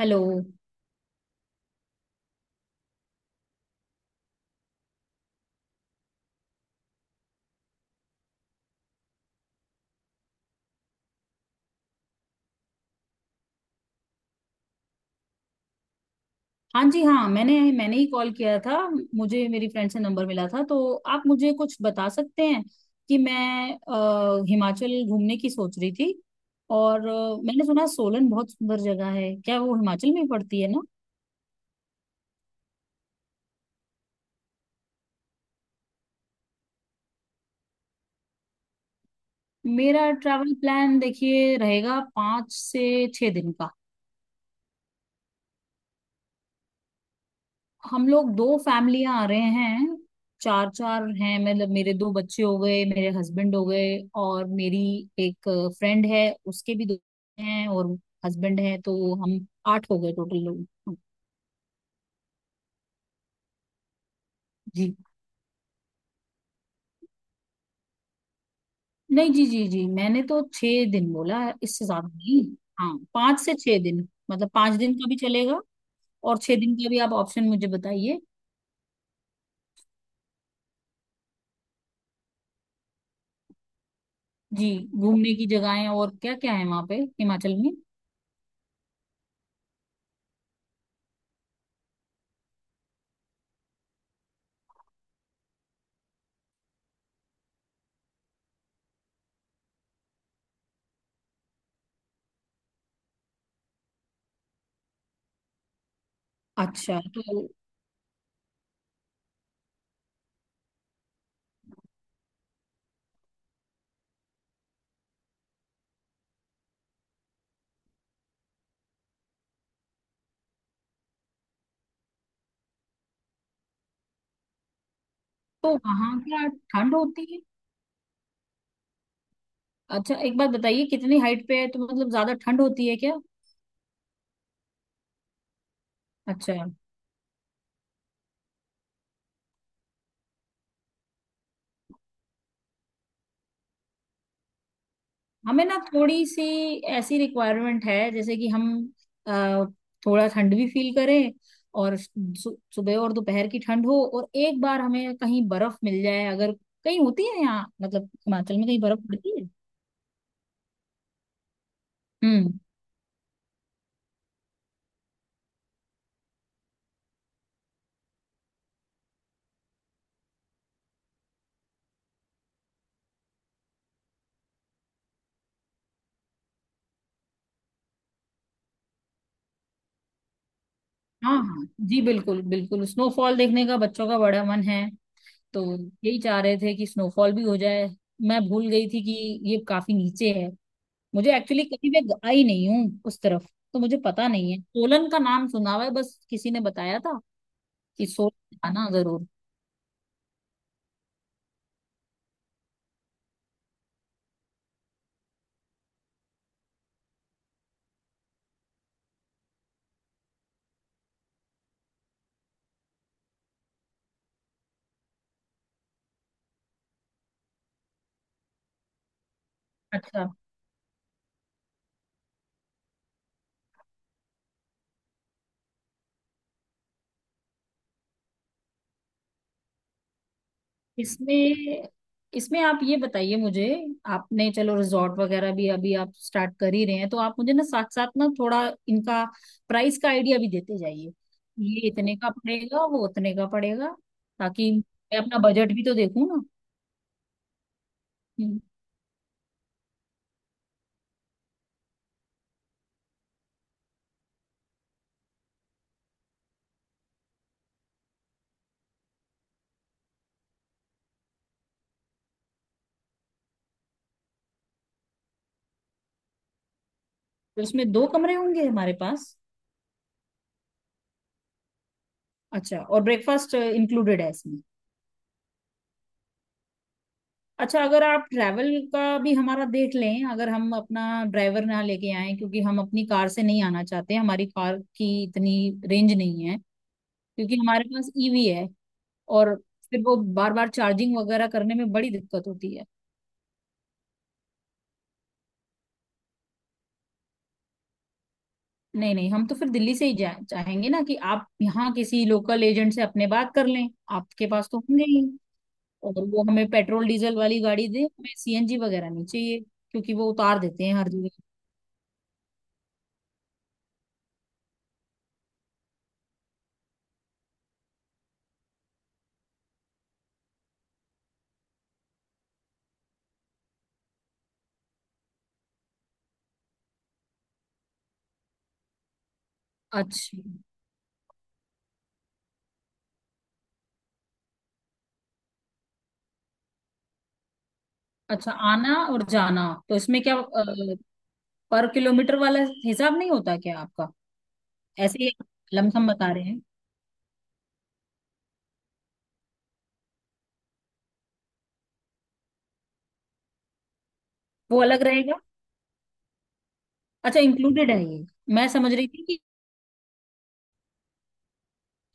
Hello. हाँ जी हाँ, मैंने मैंने ही कॉल किया था। मुझे मेरी फ्रेंड से नंबर मिला था, तो आप मुझे कुछ बता सकते हैं कि मैं हिमाचल घूमने की सोच रही थी। और मैंने सुना सोलन बहुत सुंदर जगह है। क्या वो हिमाचल में पड़ती है ना? मेरा ट्रैवल प्लान देखिए रहेगा 5 से 6 दिन का। हम लोग दो फैमिलियां आ रहे हैं। चार चार हैं, मतलब मेरे दो बच्चे हो गए, मेरे हस्बैंड हो गए, और मेरी एक फ्रेंड है, उसके भी दो हैं और हस्बैंड है, तो हम आठ हो गए टोटल लोग। जी नहीं, जी जी जी, मैंने तो 6 दिन बोला है, इससे ज्यादा नहीं। हाँ, 5 से 6 दिन, मतलब 5 दिन का भी चलेगा। और 6 दिन का भी आप ऑप्शन मुझे बताइए। जी, घूमने की जगहें और क्या क्या है वहां पे, हिमाचल में? अच्छा। तो वहां क्या ठंड होती है? अच्छा, एक बात बताइए कितनी हाइट पे है तो, मतलब ज्यादा ठंड होती है क्या? अच्छा। हमें ना थोड़ी सी ऐसी रिक्वायरमेंट है जैसे कि हम अ, थोड़ा ठंड भी फील करें। और सुबह और दोपहर की ठंड हो, और एक बार हमें कहीं बर्फ मिल जाए अगर कहीं होती है यहाँ, मतलब हिमाचल में कहीं बर्फ पड़ती है? हम्म। हाँ हाँ जी, बिल्कुल बिल्कुल स्नोफॉल देखने का बच्चों का बड़ा मन है। तो यही चाह रहे थे कि स्नोफॉल भी हो जाए। मैं भूल गई थी कि ये काफी नीचे है। मुझे एक्चुअली, कभी मैं आई नहीं हूँ उस तरफ। तो मुझे पता नहीं है, सोलन का नाम सुना हुआ है बस, किसी ने बताया था कि सोलन आना जरूर। अच्छा। इसमें इसमें आप ये बताइए मुझे। आपने चलो रिजॉर्ट वगैरह भी अभी आप स्टार्ट कर ही रहे हैं, तो आप मुझे ना साथ साथ ना थोड़ा इनका प्राइस का आइडिया भी देते जाइए। ये इतने का पड़ेगा, वो उतने का पड़ेगा। ताकि मैं अपना बजट भी तो देखूँ ना। हम्म। तो इसमें दो कमरे होंगे हमारे पास? अच्छा। और ब्रेकफास्ट इंक्लूडेड है इसमें? अच्छा, अगर आप ट्रैवल का भी हमारा देख लें, अगर हम अपना ड्राइवर ना लेके आए, क्योंकि हम अपनी कार से नहीं आना चाहते, हमारी कार की इतनी रेंज नहीं है। क्योंकि हमारे पास ईवी है। और फिर वो बार बार चार्जिंग वगैरह करने में बड़ी दिक्कत होती है। नहीं नहीं, हम तो फिर दिल्ली से ही चाहेंगे ना कि आप यहाँ किसी लोकल एजेंट से अपने बात कर लें। आपके पास तो होंगे ही। और वो हमें पेट्रोल डीजल वाली गाड़ी दे, हमें सीएनजी वगैरह नहीं चाहिए। क्योंकि वो उतार देते हैं हर जगह। अच्छा अच्छा, आना और जाना, तो इसमें क्या पर किलोमीटर वाला हिसाब नहीं होता क्या आपका? ऐसे ही लमसम बता रहे हैं? वो अलग रहेगा? अच्छा, इंक्लूडेड है ये? मैं समझ रही थी कि।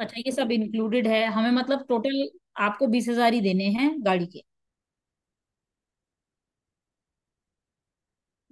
अच्छा, ये सब इंक्लूडेड है हमें, मतलब टोटल आपको 20 हजार ही देने हैं गाड़ी के?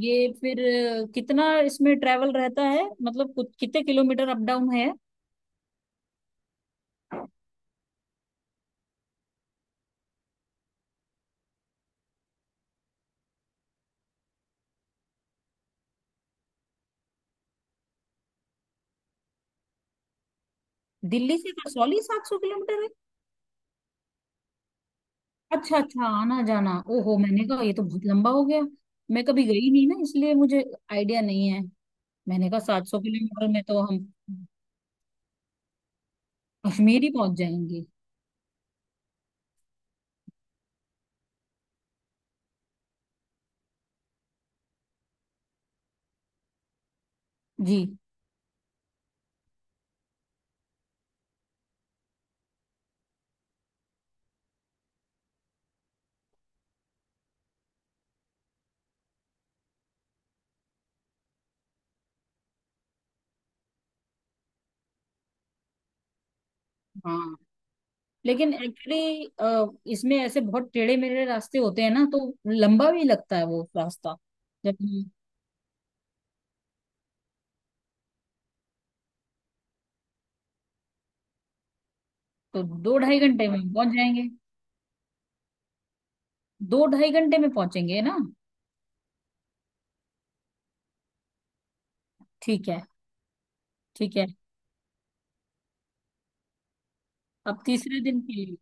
ये फिर कितना इसमें ट्रैवल रहता है, मतलब कुछ कितने किलोमीटर अप डाउन है? दिल्ली से कसौली 700 किलोमीटर है? अच्छा अच्छा, आना जाना, ओहो, मैंने कहा ये तो बहुत लंबा हो गया। मैं कभी गई नहीं ना, इसलिए मुझे आइडिया नहीं है। मैंने कहा 700 किलोमीटर में तो हम कश्मीर ही पहुंच जाएंगे। जी। हाँ, लेकिन एक्चुअली इसमें ऐसे बहुत टेढ़े मेढ़े रास्ते होते हैं ना, तो लंबा भी लगता है वो रास्ता जब। तो दो ढाई घंटे में पहुंच जाएंगे। दो ढाई घंटे में पहुंचेंगे ना? ठीक है, ठीक है। अब तीसरे दिन के लिए।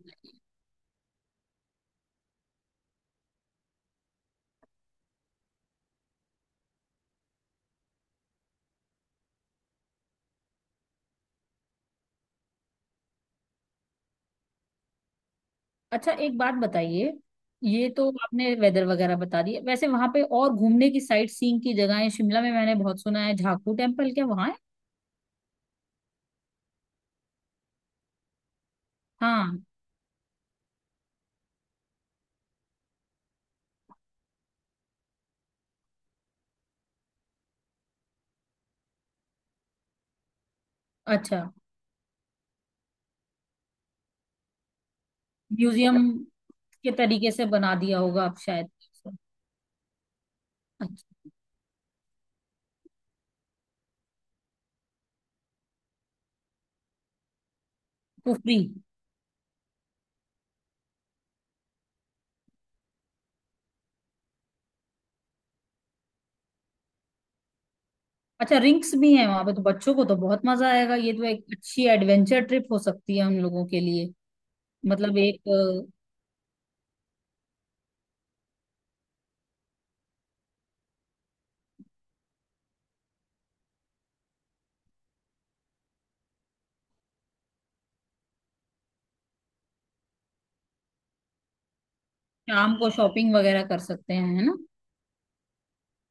अच्छा, एक बात बताइए, ये तो आपने वेदर वगैरह बता दिया, वैसे वहां पे और घूमने की साइट सीइंग की जगहें? शिमला में मैंने बहुत सुना है झाकू टेम्पल, क्या वहां है? हाँ। अच्छा, म्यूजियम के तरीके से बना दिया होगा आप शायद? अच्छा, कुफरी। अच्छा, रिंक्स भी हैं वहां पे तो बच्चों को तो बहुत मजा आएगा। ये तो एक अच्छी एडवेंचर ट्रिप हो सकती है हम लोगों के लिए। मतलब एक शाम को शॉपिंग वगैरह कर सकते हैं, है ना?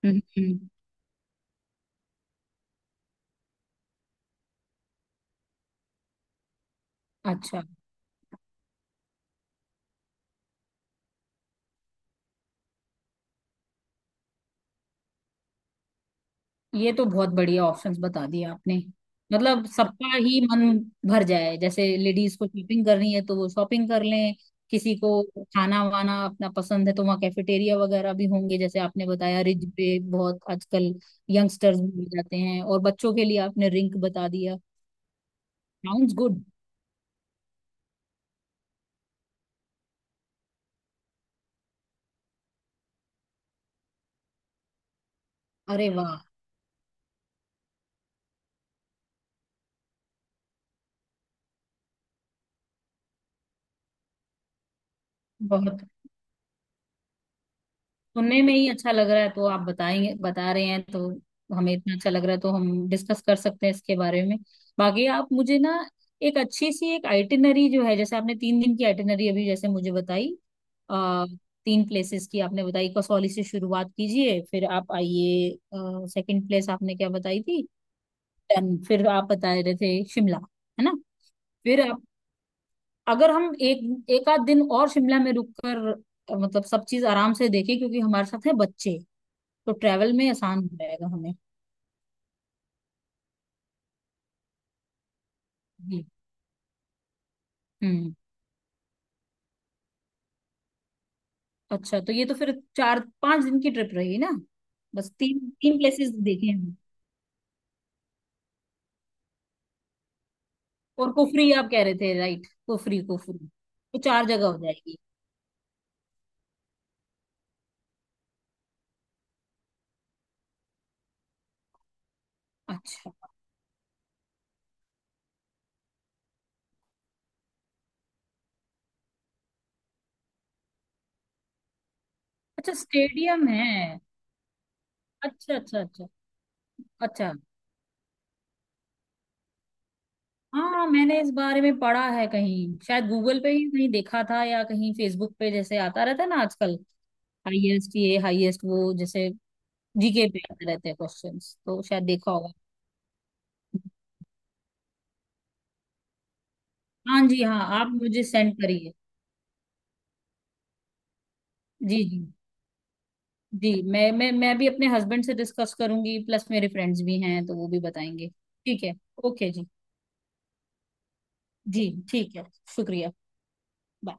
हम्म, हम्म। अच्छा, ये तो बहुत बढ़िया ऑप्शंस बता दिए आपने। मतलब सबका ही मन भर जाए, जैसे लेडीज को शॉपिंग करनी है तो वो शॉपिंग कर लें। किसी को खाना वाना अपना पसंद है तो वहाँ कैफेटेरिया वगैरह भी होंगे, जैसे आपने बताया रिज पे बहुत आजकल यंगस्टर्स भी मिल जाते हैं, और बच्चों के लिए आपने रिंक बता दिया। Sounds good. अरे वाह! बहुत, सुनने में ही अच्छा लग रहा है, तो आप बताएंगे बता रहे हैं तो हमें इतना अच्छा लग रहा है, तो हम डिस्कस कर सकते हैं इसके बारे में। बाकी आप मुझे ना एक अच्छी सी एक आइटिनरी जो है, जैसे आपने 3 दिन की आइटिनरी अभी जैसे मुझे बताई। आ, तीन प्लेसेस की आपने बताई, कसौली से शुरुआत कीजिए फिर आप आइए। सेकंड प्लेस आपने क्या बताई थी? डन। फिर आप बता रहे थे शिमला, है ना? फिर आप, अगर हम एक एक आध दिन और शिमला में रुक कर मतलब सब चीज आराम से देखें, क्योंकि हमारे साथ है बच्चे तो ट्रैवल में आसान हो जाएगा हमें। जी। हम्म। अच्छा, तो ये तो फिर 4-5 दिन की ट्रिप रही ना? बस तीन तीन प्लेसेस देखे हैं। और कुफरी आप कह रहे थे राइट, कुफरी कुफरी। तो चार जगह हो जाएगी। अच्छा, अच्छा स्टेडियम है। अच्छा, अच्छा, अच्छा। अच्छा। हाँ, मैंने इस बारे में पढ़ा है कहीं शायद गूगल पे ही कहीं देखा था, या कहीं फेसबुक पे जैसे आता रहता है ना आजकल। हाईएस्ट, ये हाईएस्ट वो जैसे जीके पे आते रहते हैं क्वेश्चंस, तो शायद देखा होगा। हाँ जी हाँ, आप मुझे सेंड करिए। जी जी। जी मैं भी अपने हस्बैंड से डिस्कस करूंगी, प्लस मेरे फ्रेंड्स भी हैं तो वो भी बताएंगे। ठीक है। ओके जी। जी, ठीक है। शुक्रिया। Bye.